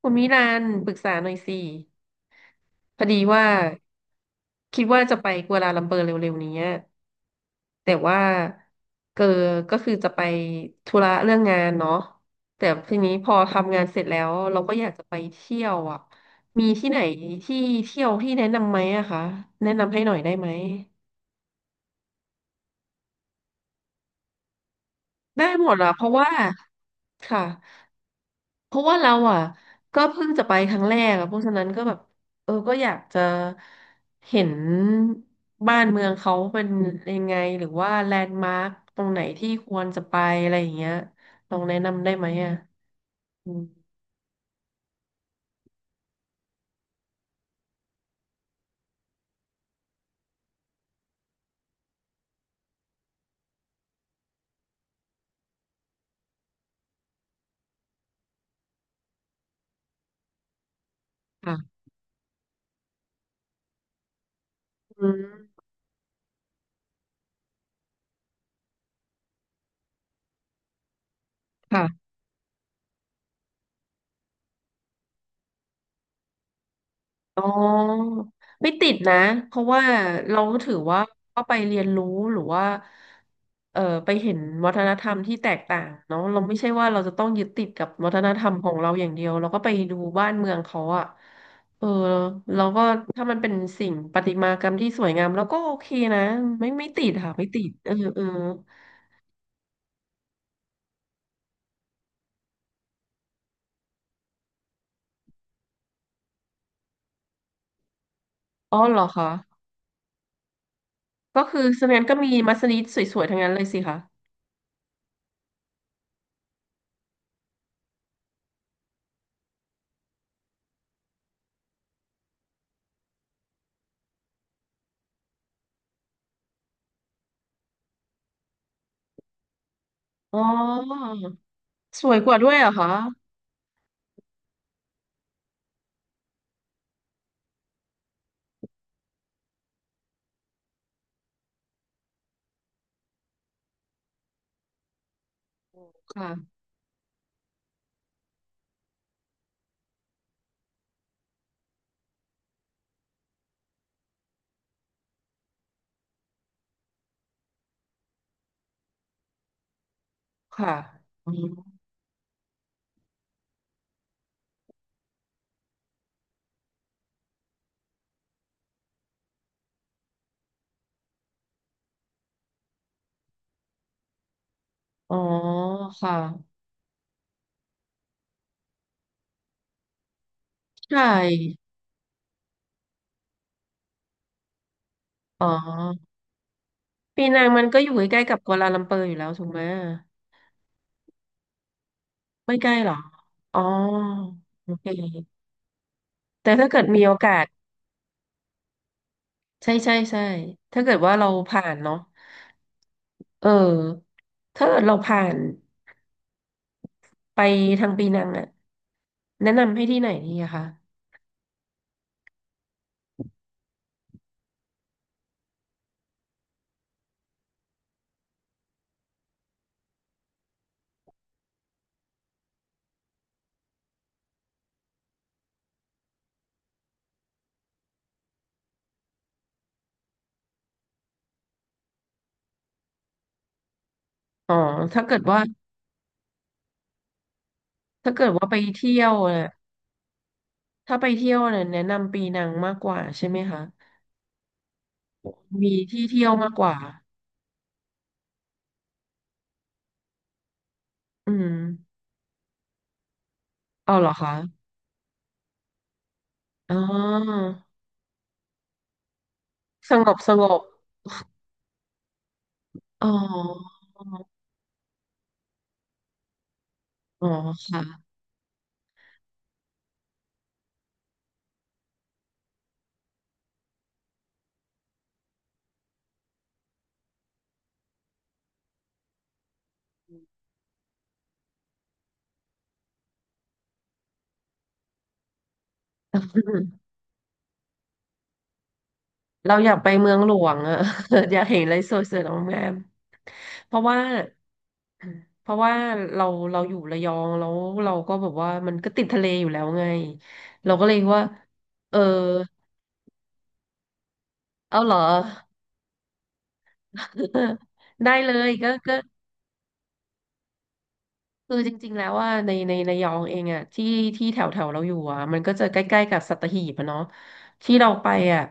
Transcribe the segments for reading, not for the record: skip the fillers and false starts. คุณมิลานปรึกษาหน่อยสิพอดีว่าคิดว่าจะไปกัวลาลัมเปอร์เร็วๆนี้แต่ว่าเกอก็คือจะไปธุระเรื่องงานเนาะแต่ทีนี้พอทำงานเสร็จแล้วเราก็อยากจะไปเที่ยวอ่ะมีที่ไหนที่เที่ยวที่แนะนำไหมอะคะแนะนำให้หน่อยได้ไหมได้หมดละเพราะว่าค่ะ เพราะว่าเราอ่ะก็เพิ่งจะไปครั้งแรกอ่ะเพราะฉะนั้นก็แบบเออก็อยากจะเห็นบ้านเมืองเขาเป็นยังไงหรือว่าแลนด์มาร์คตรงไหนที่ควรจะไปอะไรอย่างเงี้ยลองแนะนำได้ไหมอ่ะอืมค่ะอืมค่ะ อ๋อไม่ติดนะเพราะว่าเราถือว่าก็ไปเรียนรู้หรือว่าไปเห็นวัฒนธรรมที่แตกต่างเนาะเราไม่ใช่ว่าเราจะต้องยึดติดกับวัฒนธรรมของเราอย่างเดียวเราก็ไปดูบ้านเมืองเขาอะเออเราก็ถ้ามันเป็นสิ่งประติมากรรมที่สวยงามเราก็โอเคนะไม่ติดค่ะไม่ติดเออเอออ๋อเหรอคะก็คือสแนนก็มีมัสยิดสวยๆทั้งนั้นเลยสิคะอ๋อสวยกว่าด้วยเหรอคะค่ะ ค่ะอืมอ๋อค่ะใช่ อ๋อปีนังมันก็อยู่ใกล้ๆกับกัวลาลัมเปอร์อยู่แล้วถูกไหมไม่ใกล้หรอ อ๋อโอเคแต่ถ้าเกิดมีโอกาส ใช่ใช่ใช่ถ้าเกิดว่าเราผ่านเนาะเออถ้าเกิดเราผ่านไปทางปีนังอะแนะนำให้ที่ไหนดีอะคะ อ๋อ ถ้าเกิดว่าถ้าเกิดว่าไปเที่ยวน่ะถ้าไปเที่ยวน่ะแนะนำปีนังมากกว่าใช่ไหมคะมีที่เที่ยวมากกว่า อืมเอาเหรอคะอ๋อสงบสงบอ๋ออ๋อค่ะ เราอยากไปเมืองหลวงอะ อยากเห็นอะไรสวยๆงามๆเพราะว่าเราเราอยู่ระยองแล้วเราก็แบบว่ามันก็ติดทะเลอยู่แล้วไงเราก็เลยว่าเออเอาเหรอ ได้เลยก็ คือจริงๆแล้วว่าในระยองเองอ่ะที่แถวแถวเราอยู่อ่ะมันก็จะใกล้ๆกับสัตหีบอะเนาะที่เราไปอ่ะ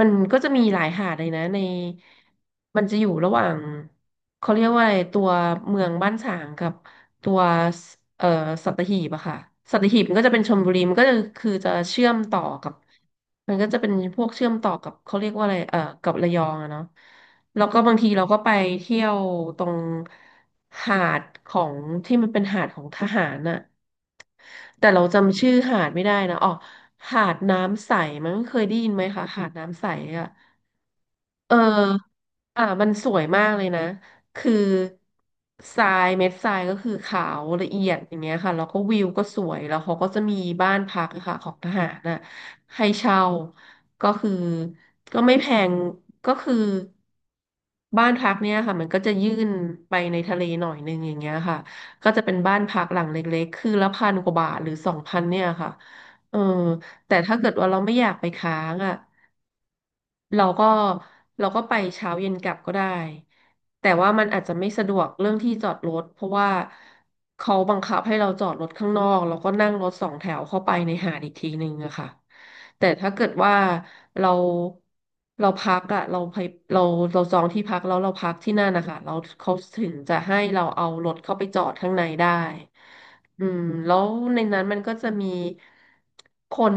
มันก็จะมีหลายหาดเลยนะในมันจะอยู่ระหว่างเขาเรียกว่าอะไรตัวเมืองบ้านฉางกับ ตัวสเอ่อสัตหีบอะค่ะสัตหีบมันก็จะเป็นชลบุรีมันก็จะคือจะเชื่อมต่อกับมันก็จะเป็นพวกเชื่อมต่อกับเขาเรียกว่าอะไรเอ่อกับระยองอะเนาะแล้วก็บางทีเราก็ไปเที่ยวตรงหาดของที่มันเป็นหาดของทหารน่ะแต่เราจำชื่อหาดไม่ได้นะอ๋อหาดน้ำใสมันเคยได้ยินไหมคะหาดน้ำใสอะ เอออ่ะมันสวยมากเลยนะ คือทรายเม็ดทรายก็คือขาวละเอียดอย่างเงี้ยค่ะแล้วก็วิวก็สวยแล้วเขาก็จะมีบ้านพักอะค่ะของทหารน่ะให้เช่าก็คือก็ไม่แพงก็คือบ้านพักเนี่ยค่ะมันก็จะยื่นไปในทะเลหน่อยนึงอย่างเงี้ยค่ะก็จะเป็นบ้านพักหลังเล็กๆคือละพันกว่าบาทหรือสองพันเนี่ยค่ะเออแต่ถ้าเกิดว่าเราไม่อยากไปค้างอ่ะ เราก็เราก็ไปเช้าเย็นกลับก็ได้แต่ว่ามันอาจจะไม่สะดวกเรื่องที่จอดรถเพราะว่าเขาบังคับให้เราจอดรถข้างนอกแล้วก็นั่งรถสองแถวเข้าไปในหาดอีกทีนึงอะค่ะแต่ถ้าเกิดว่าเราเราพักอะเราไปเราเราจองที่พักแล้วเราพักที่นั่นนะคะเราเขาถึงจะให้เราเอารถเข้าไปจอดข้างในได้ อืมแล้วในนั้นมันก็จะมีคน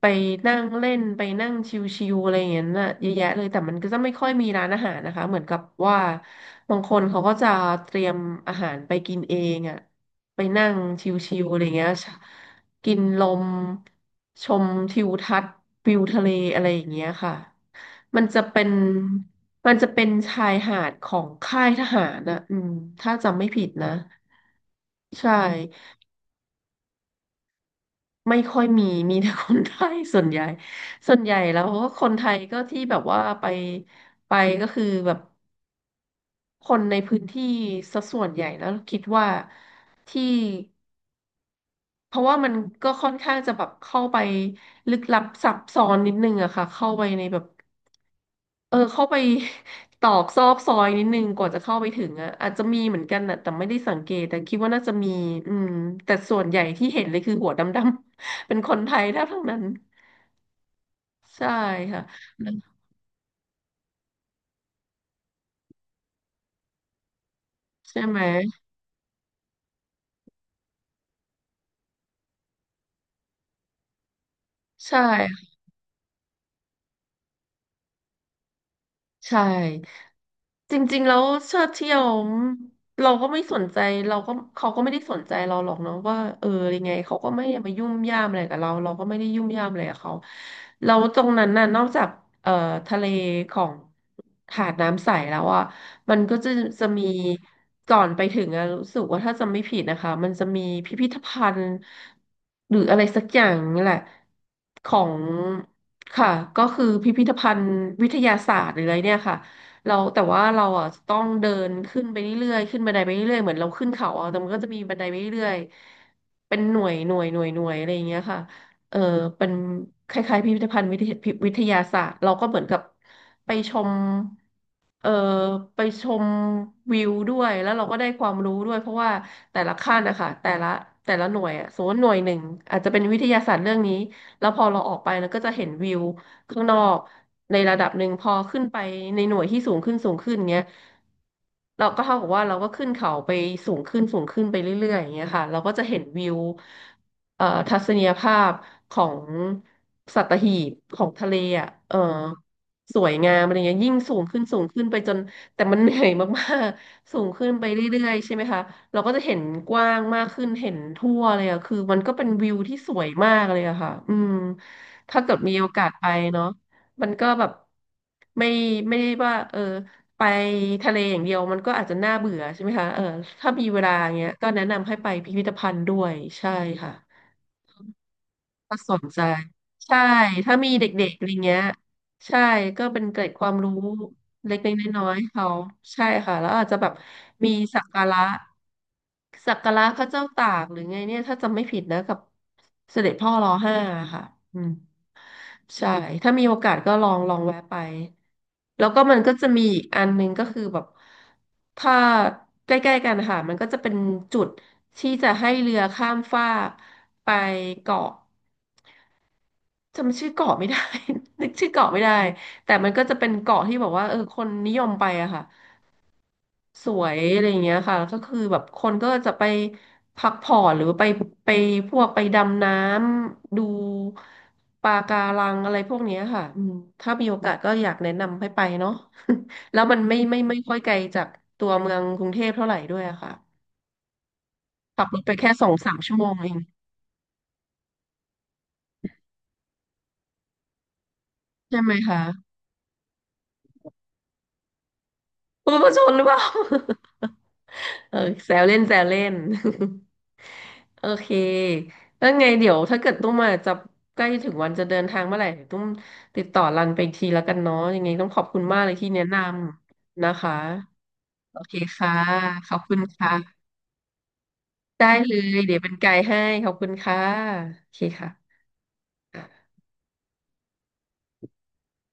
ไปนั่งเล่นไปนั่งชิวๆอะไรอย่างเงี้ยน่ะเยอะแยะเลยแต่มันก็จะไม่ค่อยมีร้านอาหารนะคะเหมือนกับว่าบางคนเขาก็จะเตรียมอาหารไปกินเองอ่ะไปนั่งชิวๆอะไรเงี้ยกินลมชมทิวทัศน์วิวทะเลอะไรอย่างเงี้ยค่ะมันจะเป็นมันจะเป็นชายหาดของค่ายทหารนะอืมถ้าจำไม่ผิดนะใช่ ไม่ค่อยมี มีแต่คนไทยส่วนใหญ่ส่วนใหญ่แล้วก็คนไทยก็ที่แบบว่าไปไปก็คือแบบคนในพื้นที่สัดส่วนใหญ่แล้วคิดว่าที่เพราะว่ามันก็ค่อนข้างจะแบบเข้าไปลึกลับซับซ้อนนิดนึงอะค่ะเข้าไปในแบบเออเข้าไป ตอกซอกซอยนิดนึงกว่าจะเข้าไปถึงอะอาจจะมีเหมือนกันนะแต่ไม่ได้สังเกตแต่คิดว่าน่าจะมีอืมแต่ส่วนใหญ่ที่เห็นเลยคือหัวดำๆ เป็นคนไทยแทบทั้งนั้น ใช่ค่ะใช่ไหมใช่ ใช่จริงๆแล้วเชิดเที่ยวเราก็ไม่สนใจเราก็เขาก็ไม่ได้สนใจเราหรอกเนาะว่าเออยังไงเขาก็ไม่ได้มายุ่มย่ามอะไรกับเราเราก็ไม่ได้ยุ่มย่ามอะไรกับเขาแล้วตรงนั้นน่ะนอกจากเอ่อทะเลของหาดน้ำใสแล้วอ่ะมันก็จะมีก่อนไปถึงอะรู้สึกว่าถ้าจำไม่ผิดนะคะมันจะมีพิพิธภัณฑ์หรืออะไรสักอย่างนี่แหละของ ค่ะก็คือพิพิธภัณฑ์วิทยาศาสตร์หรืออะไรเนี่ยค่ะเราแต่ว่าเราอ่ะต้องเดินขึ้นไปเรื่อยๆขึ้นบันไดไปเรื่อยๆเหมือนเราขึ้นเขาอ่ะแต่มันก็จะมีบันไดไปเรื่อยๆเป็นหน่วยอะไรอย่างเงี้ยค่ะเออเป็นคล้ายๆพิพิธภัณฑ์วิทยาศาสตร์เราก็เหมือนกับไปชมเออไปชมวิวด้วยแล้วเราก็ได้ความรู้ด้วยเพราะว่าแต่ละขั้นนะคะแต่ละหน่วยอ่ะสมมติหน่วยหนึ่งอาจจะเป็นวิทยาศาสตร์เรื่องนี้ แล้วพอเราออกไปเราก็จะเห็นวิวข้างนอกในระดับหนึ่งพอขึ้นไปในหน่วยที่สูงขึ้นสูงขึ้นเงี้ยเราก็เท่ากับว่าเราก็ขึ้นเขาไปสูงขึ้นสูงขึ้นไปเรื่อยๆอย่างเงี้ยค่ะเราก็จะเห็นวิวทัศนียภาพของสัตหีบของทะเลอ่ะเออสวยงามอะไรเงี้ยยิ่งสูงขึ้นสูงขึ้นไปจนแต่มันเหนื่อยมากๆสูงขึ้นไปเรื่อยๆใช่ไหมคะ เราก็จะเห็นกว้างมากขึ้นเห็นทั่วเลยอะคือมันก็เป็นวิวที่สวยมากเลยอะค่ะอืมถ้าเกิดมีโอกาสไปเนาะมันก็แบบไม่ไม่ได้ว่าเออไปทะเลอย่างเดียวมันก็อาจจะน่าเบื่อใช่ไหมคะเออถ้ามีเวลาเงี้ยก็แนะนำให้ไปพิพิธภัณฑ์ด้วยใช่ค่ะถ้าสนใจใช่ถ้ามีเด็กๆอะไรเงี้ยใช่ก็เป็นเกร็ดความรู้เล็กๆน้อยๆให้เขาใช่ค่ะแล้วอาจจะแบบมีสักการะ พระเจ้าตากหรือไงเนี่ยถ้าจำไม่ผิดนะกับเสด็จพ่อรอห้าค่ะอืมใช่ถ้ามีโอกาสก็ลองแวะไปแล้วก็มันก็จะมีอีกอันหนึงก็คือแบบถ้าใกล้ๆกันนะค่ะมันก็จะเป็นจุดที่จะให้เรือข้ามฟากไปเกาะจำชื่อเกาะไม่ได้ นึกชื่อเกาะไม่ได้แต่มันก็จะเป็นเกาะที่บอกว่าเออคนนิยมไปอะค่ะ สวยอะไรอย่างเงี้ยค่ะแล้วก็คือแบบคนก็จะไปพักผ่อนหรือไปพวกไปดำน้ำดูปะการังอะไรพวกเนี้ยค่ะอืมถ้ามีโอกาสก็อยากแนะนำให้ไปเนาะ แล้วมันไม่ค่อยไกลจากตัวเมืองกรุงเทพเท่าไหร่ด้วยอะค่ะขับรถไปแค่สองสามชั่วโมงเองใช่ไหมคะ คุณผู้ชมหรือเปล่า เออแซวเล่น โอเคแล้วไงเดี๋ยวถ้าเกิดตุ้มมาจะใกล้ถึงวันจะเดินทางเมื่อไหร่เดี๋ยวตุ้มติดต่อรันไปอีกทีแล้วกันเนาะยังไงต้องขอบคุณมากเลยที่แนะนำนะคะโอเคค่ะขอบคุณค่ะได้เลยเดี๋ยวเป็นไกด์ให้ขอบคุณค่ะโอเคค่ะ